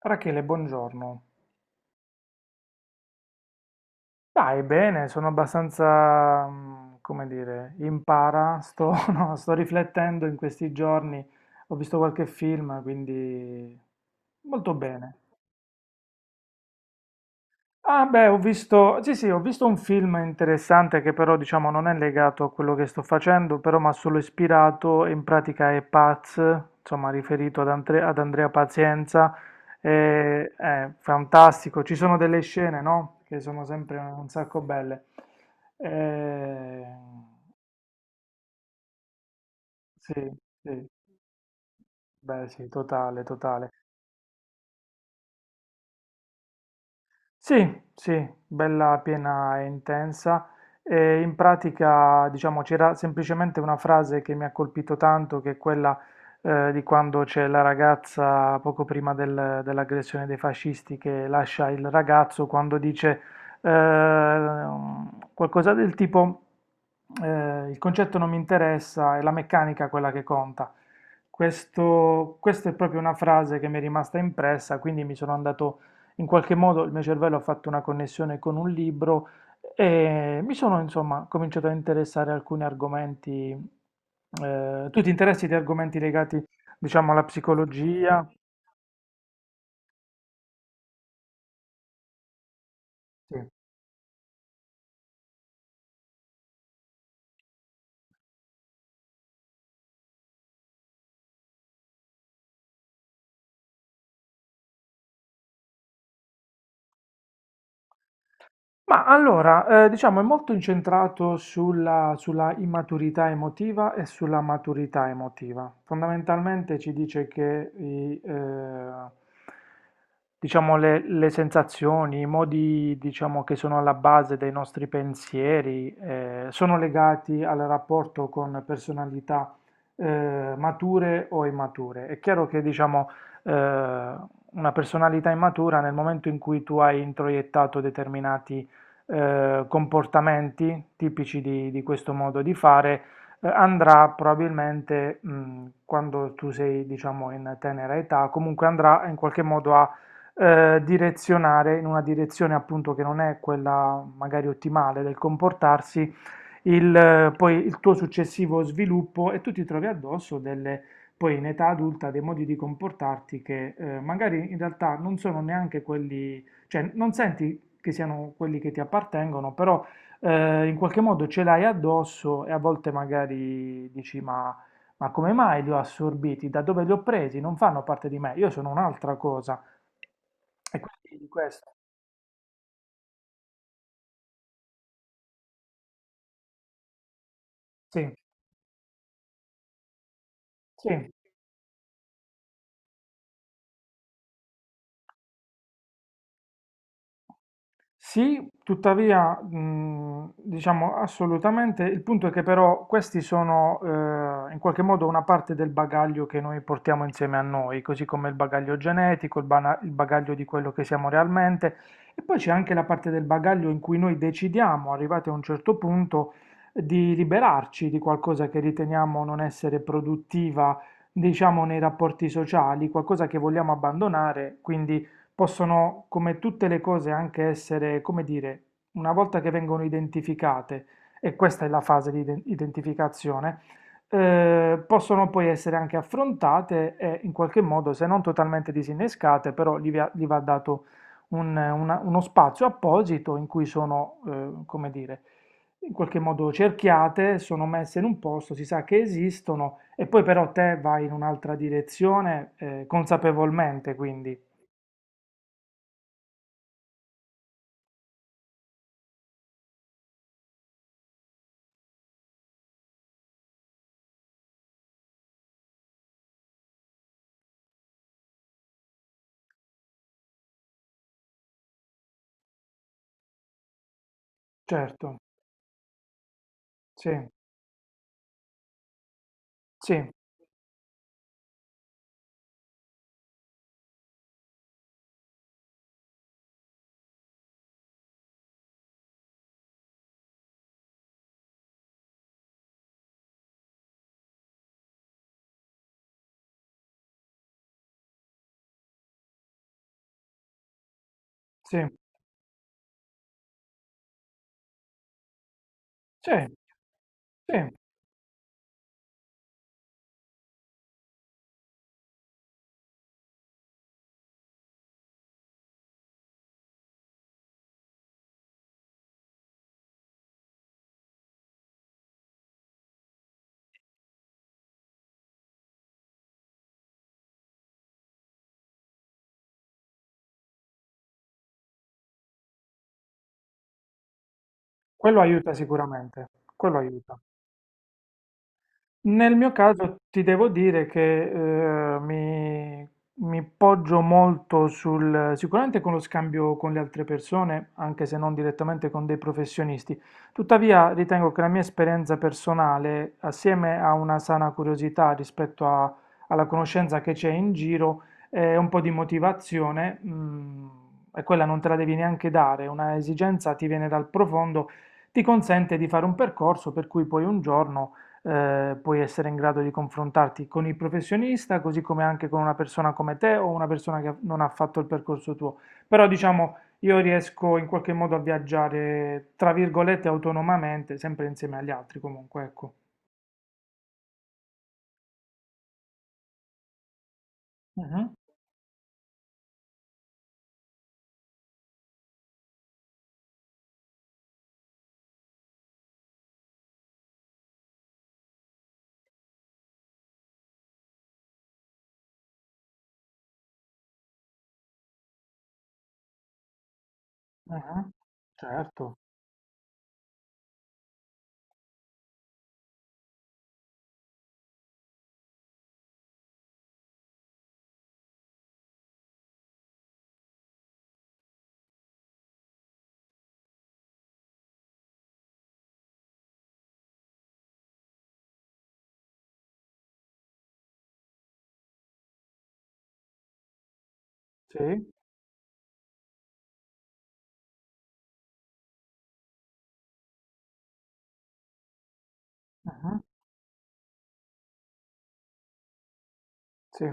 Rachele, buongiorno. Dai, bene, sono abbastanza, come dire, in para, sto, no, sto riflettendo in questi giorni, ho visto qualche film, quindi molto bene. Ah beh, ho visto, sì sì, ho visto un film interessante che però diciamo non è legato a quello che sto facendo, però mi ha solo ispirato, in pratica è Paz, insomma riferito ad, ad Andrea Pazienza, è fantastico, ci sono delle scene, no? Che sono sempre un sacco belle. Eh, sì, sì, beh sì, totale, totale. Sì, sì, bella, piena e intensa. E in pratica, diciamo, c'era semplicemente una frase che mi ha colpito tanto, che è quella di quando c'è la ragazza poco prima dell'aggressione dei fascisti che lascia il ragazzo, quando dice eh, qualcosa del tipo il concetto non mi interessa, è la meccanica quella che conta. Questa è proprio una frase che mi è rimasta impressa, quindi mi sono andato in qualche modo il mio cervello ha fatto una connessione con un libro e mi sono insomma cominciato a interessare a alcuni argomenti. Tu ti interessi di argomenti legati, diciamo, alla psicologia? Sì. Ma allora, diciamo, è molto incentrato sulla immaturità emotiva e sulla maturità emotiva. Fondamentalmente ci dice che i, diciamo, le sensazioni, i modi, diciamo, che sono alla base dei nostri pensieri, sono legati al rapporto con personalità, mature o immature. È chiaro che, diciamo, eh, una personalità immatura nel momento in cui tu hai introiettato determinati comportamenti tipici di questo modo di fare, andrà probabilmente, quando tu sei, diciamo, in tenera età, comunque andrà in qualche modo a direzionare in una direzione appunto che non è quella magari ottimale del comportarsi, poi il tuo successivo sviluppo e tu ti trovi addosso delle, poi in età adulta dei modi di comportarti che magari in realtà non sono neanche quelli, cioè non senti che siano quelli che ti appartengono, però in qualche modo ce l'hai addosso e a volte magari dici ma come mai li ho assorbiti? Da dove li ho presi? Non fanno parte di me, io sono un'altra cosa. E quindi questo, sì, sì. Sì, tuttavia, diciamo assolutamente, il punto è che però questi sono in qualche modo una parte del bagaglio che noi portiamo insieme a noi, così come il bagaglio genetico, il bagaglio di quello che siamo realmente, e poi c'è anche la parte del bagaglio in cui noi decidiamo, arrivati a un certo punto, di liberarci di qualcosa che riteniamo non essere produttiva, diciamo, nei rapporti sociali, qualcosa che vogliamo abbandonare, quindi possono, come tutte le cose, anche essere, come dire, una volta che vengono identificate, e questa è la fase di identificazione, possono poi essere anche affrontate e in qualche modo, se non totalmente disinnescate, però gli va dato uno spazio apposito in cui sono, come dire, in qualche modo cerchiate, sono messe in un posto, si sa che esistono, e poi però te vai in un'altra direzione, consapevolmente, quindi, certo. Sì, sì, sì, sì, sì, quello aiuta sicuramente, quello aiuta. Nel mio caso ti devo dire che eh, mi, mi poggio molto sul, sicuramente con lo scambio con le altre persone, anche se non direttamente con dei professionisti. Tuttavia ritengo che la mia esperienza personale, assieme a una sana curiosità rispetto alla conoscenza che c'è in giro, e un po' di motivazione, e quella non te la devi neanche dare, una esigenza ti viene dal profondo, ti consente di fare un percorso per cui poi un giorno puoi essere in grado di confrontarti con il professionista, così come anche con una persona come te o una persona che non ha fatto il percorso tuo. Però diciamo, io riesco in qualche modo a viaggiare, tra virgolette, autonomamente, sempre insieme agli altri comunque, ecco. Mhm. Mhm. Certo. Sì. Mhm. Sì,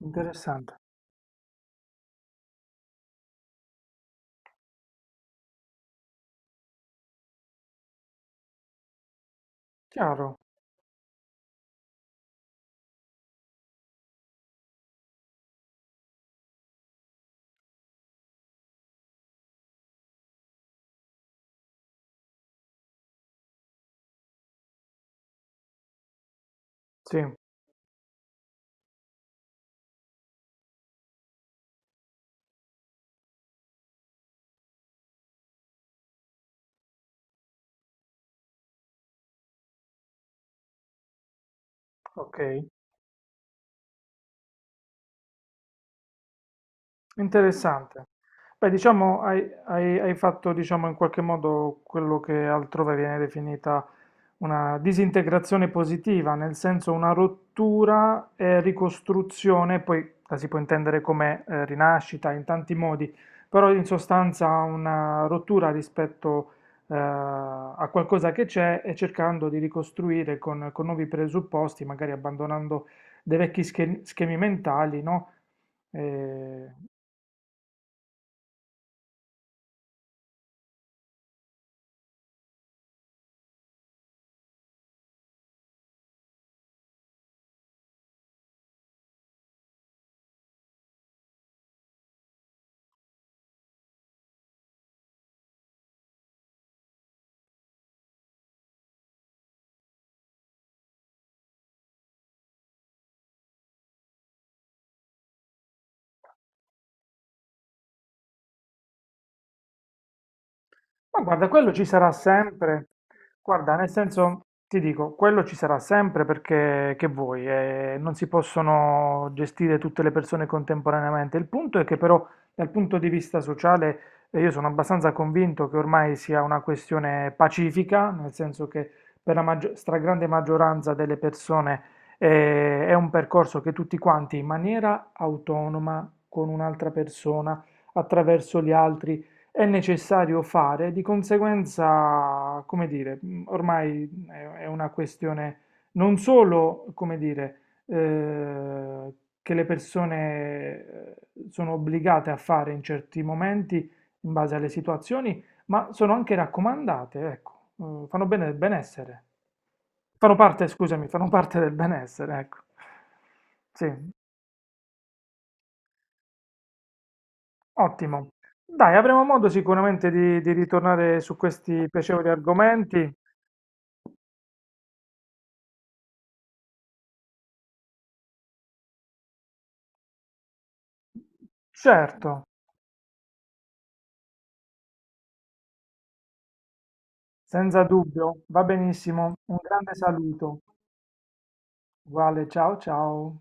interessante, chiaro, sì, ok. Interessante. Beh, diciamo, hai fatto, diciamo, in qualche modo quello che altrove viene definita una disintegrazione positiva, nel senso una rottura e ricostruzione, poi la si può intendere come rinascita in tanti modi, però in sostanza una rottura rispetto a qualcosa che c'è e cercando di ricostruire con nuovi presupposti, magari abbandonando dei vecchi schemi mentali, no? Eh, ma guarda, quello ci sarà sempre. Guarda, nel senso, ti dico, quello ci sarà sempre perché che vuoi, non si possono gestire tutte le persone contemporaneamente. Il punto è che però dal punto di vista sociale io sono abbastanza convinto che ormai sia una questione pacifica, nel senso che per la stragrande maggioranza delle persone è un percorso che tutti quanti in maniera autonoma, con un'altra persona, attraverso gli altri è necessario fare, di conseguenza, come dire, ormai è una questione non solo, come dire, che le persone sono obbligate a fare in certi momenti in base alle situazioni, ma sono anche raccomandate, ecco, fanno bene del benessere. Fanno parte, scusami, fanno parte del benessere, ecco. Sì, ottimo. Dai, avremo modo sicuramente di ritornare su questi piacevoli argomenti. Certo, senza dubbio, va benissimo, un grande saluto, uguale ciao ciao.